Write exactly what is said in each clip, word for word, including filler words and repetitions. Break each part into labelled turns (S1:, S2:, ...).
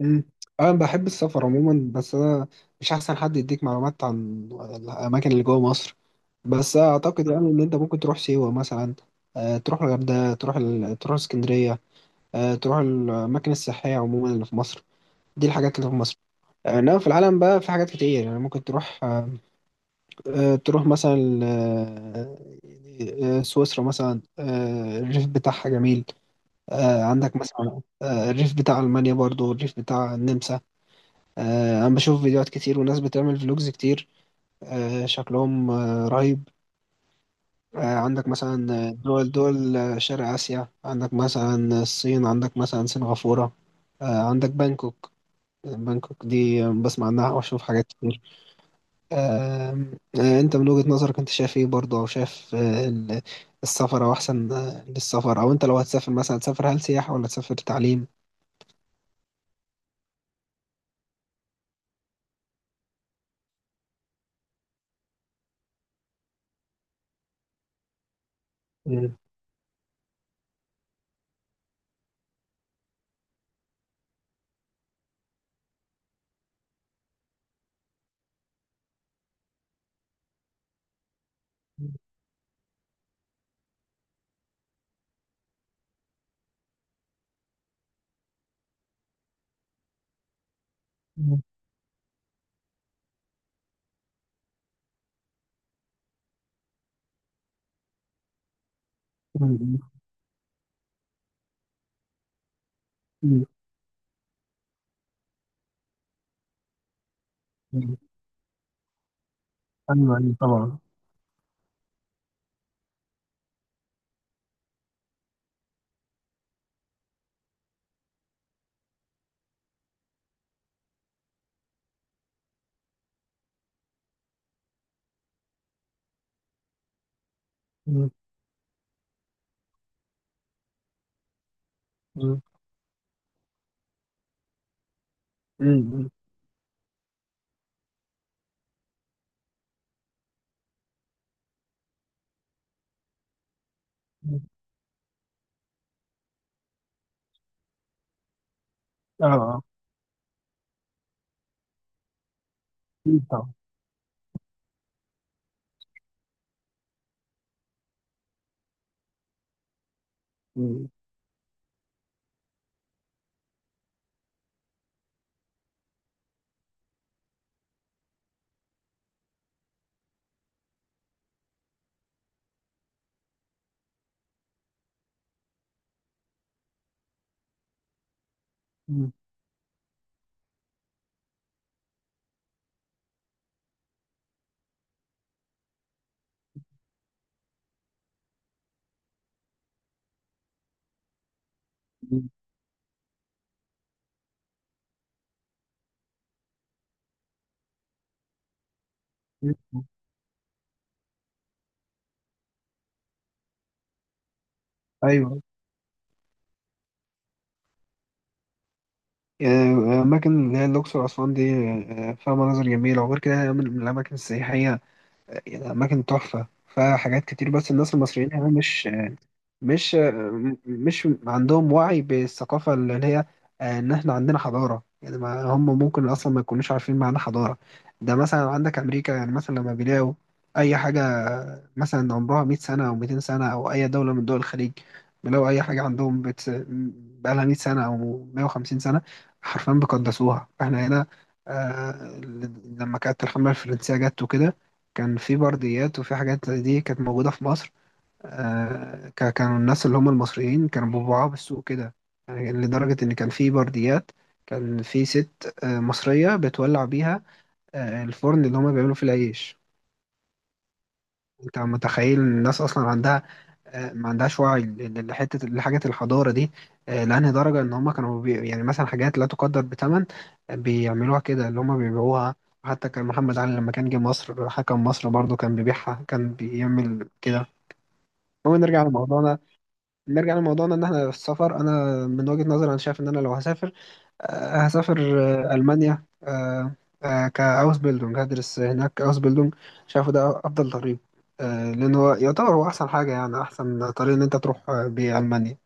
S1: مم. انا بحب السفر عموما، بس انا مش احسن حد يديك معلومات عن الاماكن اللي جوه مصر. بس اعتقد يعني ان انت ممكن تروح سيوه مثلا، آه، تروح الغردقه، تروح ال... تروح اسكندريه، آه، تروح الاماكن السياحيه عموما اللي في مصر. دي الحاجات اللي في مصر. آه، انما في العالم بقى في حاجات كتير، يعني ممكن تروح آه، آه، تروح مثلا آه، آه، سويسرا مثلا. آه، الريف بتاعها جميل. آه، عندك مثلا آه، الريف بتاع المانيا، برضو الريف بتاع النمسا. آه، انا بشوف فيديوهات كتير وناس بتعمل فلوجز كتير، آه، شكلهم آه، رهيب. آه، عندك مثلا آه، دول دول آه، شرق آسيا. عندك مثلا آه، الصين، عندك مثلا سنغافورة، آه، عندك بانكوك. بانكوك دي بسمع عنها وأشوف حاجات كتير. آم، آه، أنت من وجهة نظرك أنت شايف إيه برضه، أو شايف آه، ال- السفر أو أحسن آه، للسفر، أو أنت لو هتسافر مثلا هتسافر، هل سياحة ولا تسافر تعليم؟ مم. مم. مم. مم. مم. أيوه، أيوه، طبعا. مم. مم. امم. امم. آه، آه، أكيد طبعًا. امم. امم. امم. امم. أيوه. آآ، أماكن اللي هي الأقصر وأسوان دي آآ، فيها مناظر جميلة، وغير كده هي من من الأماكن السياحية. آآ، أماكن تحفة، فيها حاجات كتير، بس الناس المصريين هنا مش مش مش عندهم وعي بالثقافة اللي هي آه، إن إحنا عندنا حضارة. يعني ما هم ممكن أصلا ما يكونوش عارفين معنى حضارة. ده مثلا عندك أمريكا، يعني مثلا لما بيلاقوا أي حاجة مثلا عمرها مئة سنة أو مئتين سنة، أو أي دولة من دول الخليج بيلاقوا أي حاجة عندهم بت... بقالها مية سنة أو مية وخمسين سنة، حرفيا بيقدسوها. إحنا هنا آه لما كانت الحملة الفرنسية جت وكده، كان في برديات وفي حاجات زي دي كانت موجودة في مصر. آه، ك- كانوا الناس اللي هم المصريين كانوا بيبيعوها بالسوق كده، يعني لدرجة إن كان في برديات. كان في ست آه، مصرية بتولع بيها آه، الفرن اللي هم بيعملوا فيه العيش. أنت متخيل إن الناس أصلا عندها آه، ما عندهاش وعي ل- لحتة لحاجة الحضارة دي، آه، لأنهي درجة إن هم كانوا بي يعني مثلا حاجات لا تقدر بثمن، آه، بيعملوها كده اللي هم بيبيعوها. حتى كان محمد علي لما كان جه مصر حكم مصر برضه كان بيبيعها، كان بيعمل كده. المهم، نرجع لموضوعنا نرجع لموضوعنا ان احنا في السفر. انا من وجهة نظري انا شايف ان انا لو هسافر آه، هسافر آه، المانيا. آه، آه، كاوس بيلدونج هدرس هناك اوس بيلدونج. شايفه ده افضل طريق، آه، لان هو يعتبر هو احسن حاجه، يعني احسن طريق ان انت تروح آه، بيه المانيا.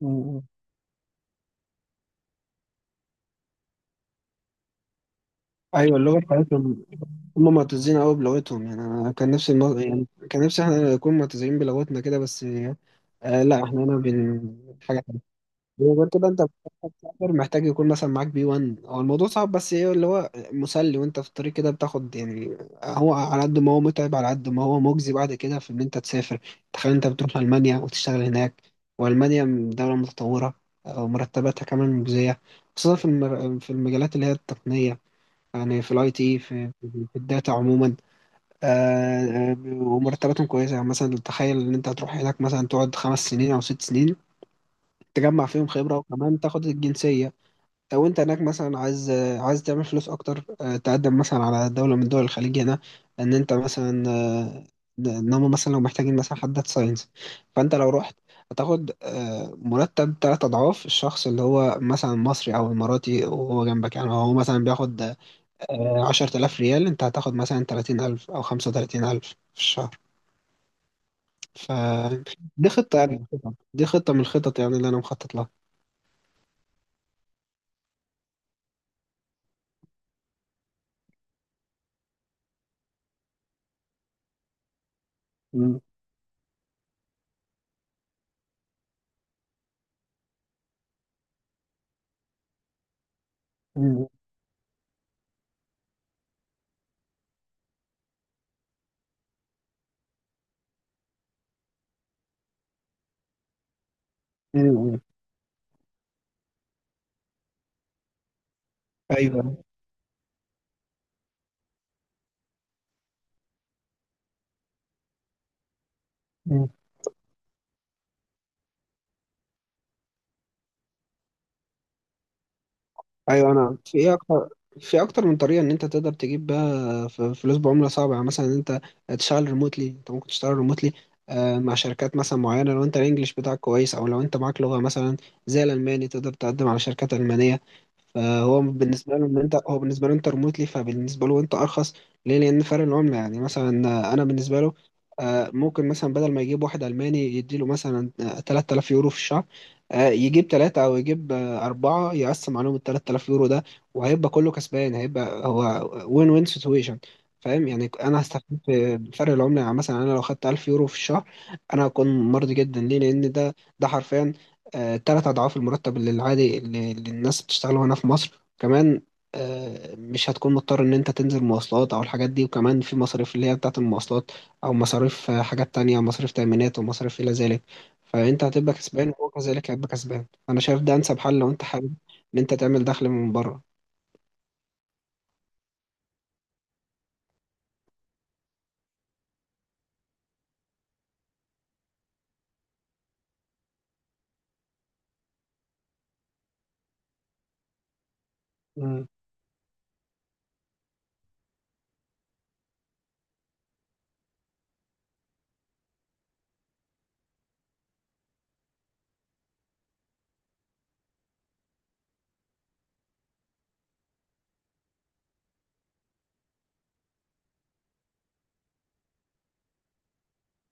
S1: مم. ايوه، اللغه بتاعتهم هم معتزين قوي بلغتهم. يعني انا كان نفسي المو... يعني كان نفسي احنا نكون معتزين بلغتنا كده، بس آه لا، احنا هنا بن... حاجه. زي ما قلت بقى، انت بتسافر محتاج يكون مثلا معاك بي وان. هو الموضوع صعب، بس ايه اللي هو مسلي وانت في الطريق كده بتاخد يعني، هو على قد ما هو متعب، على قد ما هو مجزي بعد كده، في ان انت تسافر. تخيل انت بتروح المانيا وتشتغل هناك، والمانيا دولة متطورة. آه، ومرتباتها كمان مجزية، خصوصا في المر... في المجالات اللي هي التقنية، يعني في الاي تي، في في الداتا عموما. آه، آه، ومرتباتهم كويسة. يعني مثلا تخيل ان انت هتروح هناك، مثلا تقعد خمس سنين او ست سنين، تجمع فيهم خبرة وكمان تاخد الجنسية. لو انت هناك مثلا عايز عايز تعمل فلوس اكتر، آه، تقدم مثلا على دولة من دول الخليج هنا، ان انت مثلا آه، ان هم مثلا لو محتاجين مثلا حد داتا ساينس. فانت لو رحت هتاخد آه، مرتب تلات اضعاف الشخص اللي هو مثلا مصري او اماراتي وهو جنبك. يعني هو مثلا بياخد آه، عشرة آلاف ريال، انت هتاخد مثلا تلاتين ألف او خمسة وتلاتين ألف في الشهر. فدي خطة يعني، دي خطة من الخطط يعني اللي انا مخطط لها. مم. مم. ايوه. مم. ايوه، انا في ايه اكتر، في اكتر من طريقه ان انت تقدر تجيب بقى ف- فلوس بعمله صعبه، يعني مثلا ان انت تشتغل ريموتلي. انت ممكن تشتغل ريموتلي مع شركات مثلا معينه لو انت الانجليش بتاعك كويس، او لو انت معاك لغه مثلا زي الالماني تقدر تقدم على شركات المانيه. فهو بالنسبة له إن أنت هو بالنسبة له أنت ريموتلي، فبالنسبة له أنت أرخص. ليه؟ لأن فرق العملة يعني مثلا. أنا بالنسبة له، آه، ممكن مثلا بدل ما يجيب واحد ألماني يديله مثلا آه، تلات آلاف يورو في الشهر، آه، يجيب ثلاثة أو يجيب آه، أربعة، يقسم عليهم ال ثلاثة آلاف يورو ده، وهيبقى كله كسبان، هيبقى هو وين وين سيتويشن. فاهم يعني، أنا هستفيد في فرق العملة. يعني مثلا أنا لو خدت ألف يورو في الشهر، أنا هكون مرضي جدا. ليه؟ لأن ده ده حرفيا آه، تلات أضعاف المرتب اللي العادي اللي اللي الناس بتشتغله هنا في مصر كمان. آه، مش هتكون مضطر إن أنت تنزل مواصلات أو الحاجات دي، وكمان في مصاريف اللي هي بتاعة المواصلات أو مصاريف آه، حاجات تانية، مصاريف تأمينات ومصاريف إلى ذلك. فأنت هتبقى كسبان وهو كذلك هيبقى كسبان. أنا شايف ده أنسب حل لو أنت حابب إن أنت تعمل دخل من بره. مم.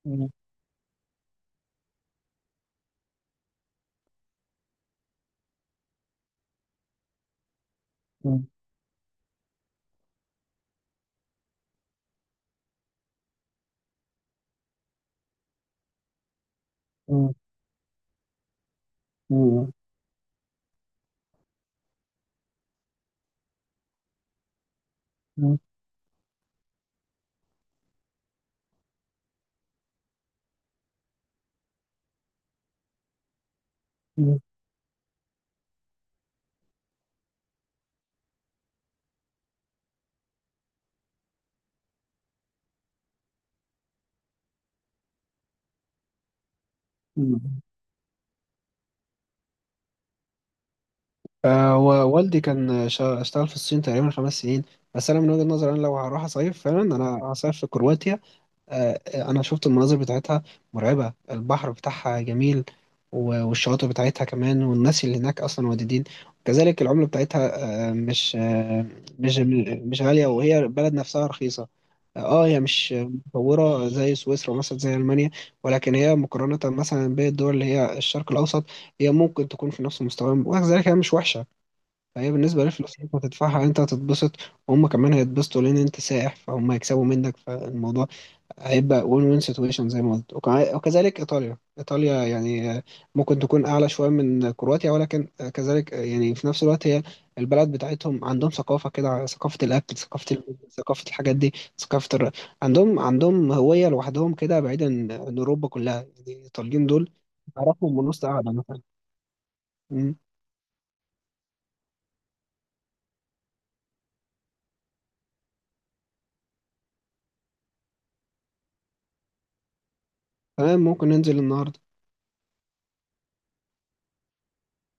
S1: مم. مم. مم. مم. مم. مم. آه ووالدي كان شا- اشتغل في الصين تقريبا خمس سنين. بس انا من وجهة نظري، انا لو هروح اصيف فعلا، انا هصيف في كرواتيا. آه انا شفت المناظر بتاعتها مرعبة، البحر بتاعها جميل و- والشواطئ بتاعتها كمان، والناس اللي هناك اصلا ودودين، وكذلك العملة بتاعتها آه مش آه مش مش غالية، وهي البلد نفسها رخيصة. اه هي مش متطورة زي سويسرا مثلا، زي ألمانيا، ولكن هي مقارنة مثلا بالدول اللي هي الشرق الأوسط، هي ممكن تكون في نفس المستوى، وكذلك هي مش وحشة. فهي بالنسبة للفلوس اللي انت هتدفعها، انت هتتبسط وهم كمان هيتبسطوا، لان انت سائح فهم هيكسبوا منك، فالموضوع هيبقى وين وين سيتويشن زي ما قلت. وكع- وكذلك ايطاليا، ايطاليا يعني آه، ممكن تكون اعلى شوية من كرواتيا، ولكن آه، كذلك آه، يعني في نفس الوقت هي البلد بتاعتهم عندهم ثقافة كده، ثقافة الاكل، ثقافة ال- ثقافة الحاجات دي، ثقافة الر... عندهم عندهم هوية لوحدهم كده، بعيدا عن اوروبا كلها، يعني الايطاليين دول اعرفهم من وسط قاعدة مثلا. مم. تمام، ممكن ننزل النهاردة.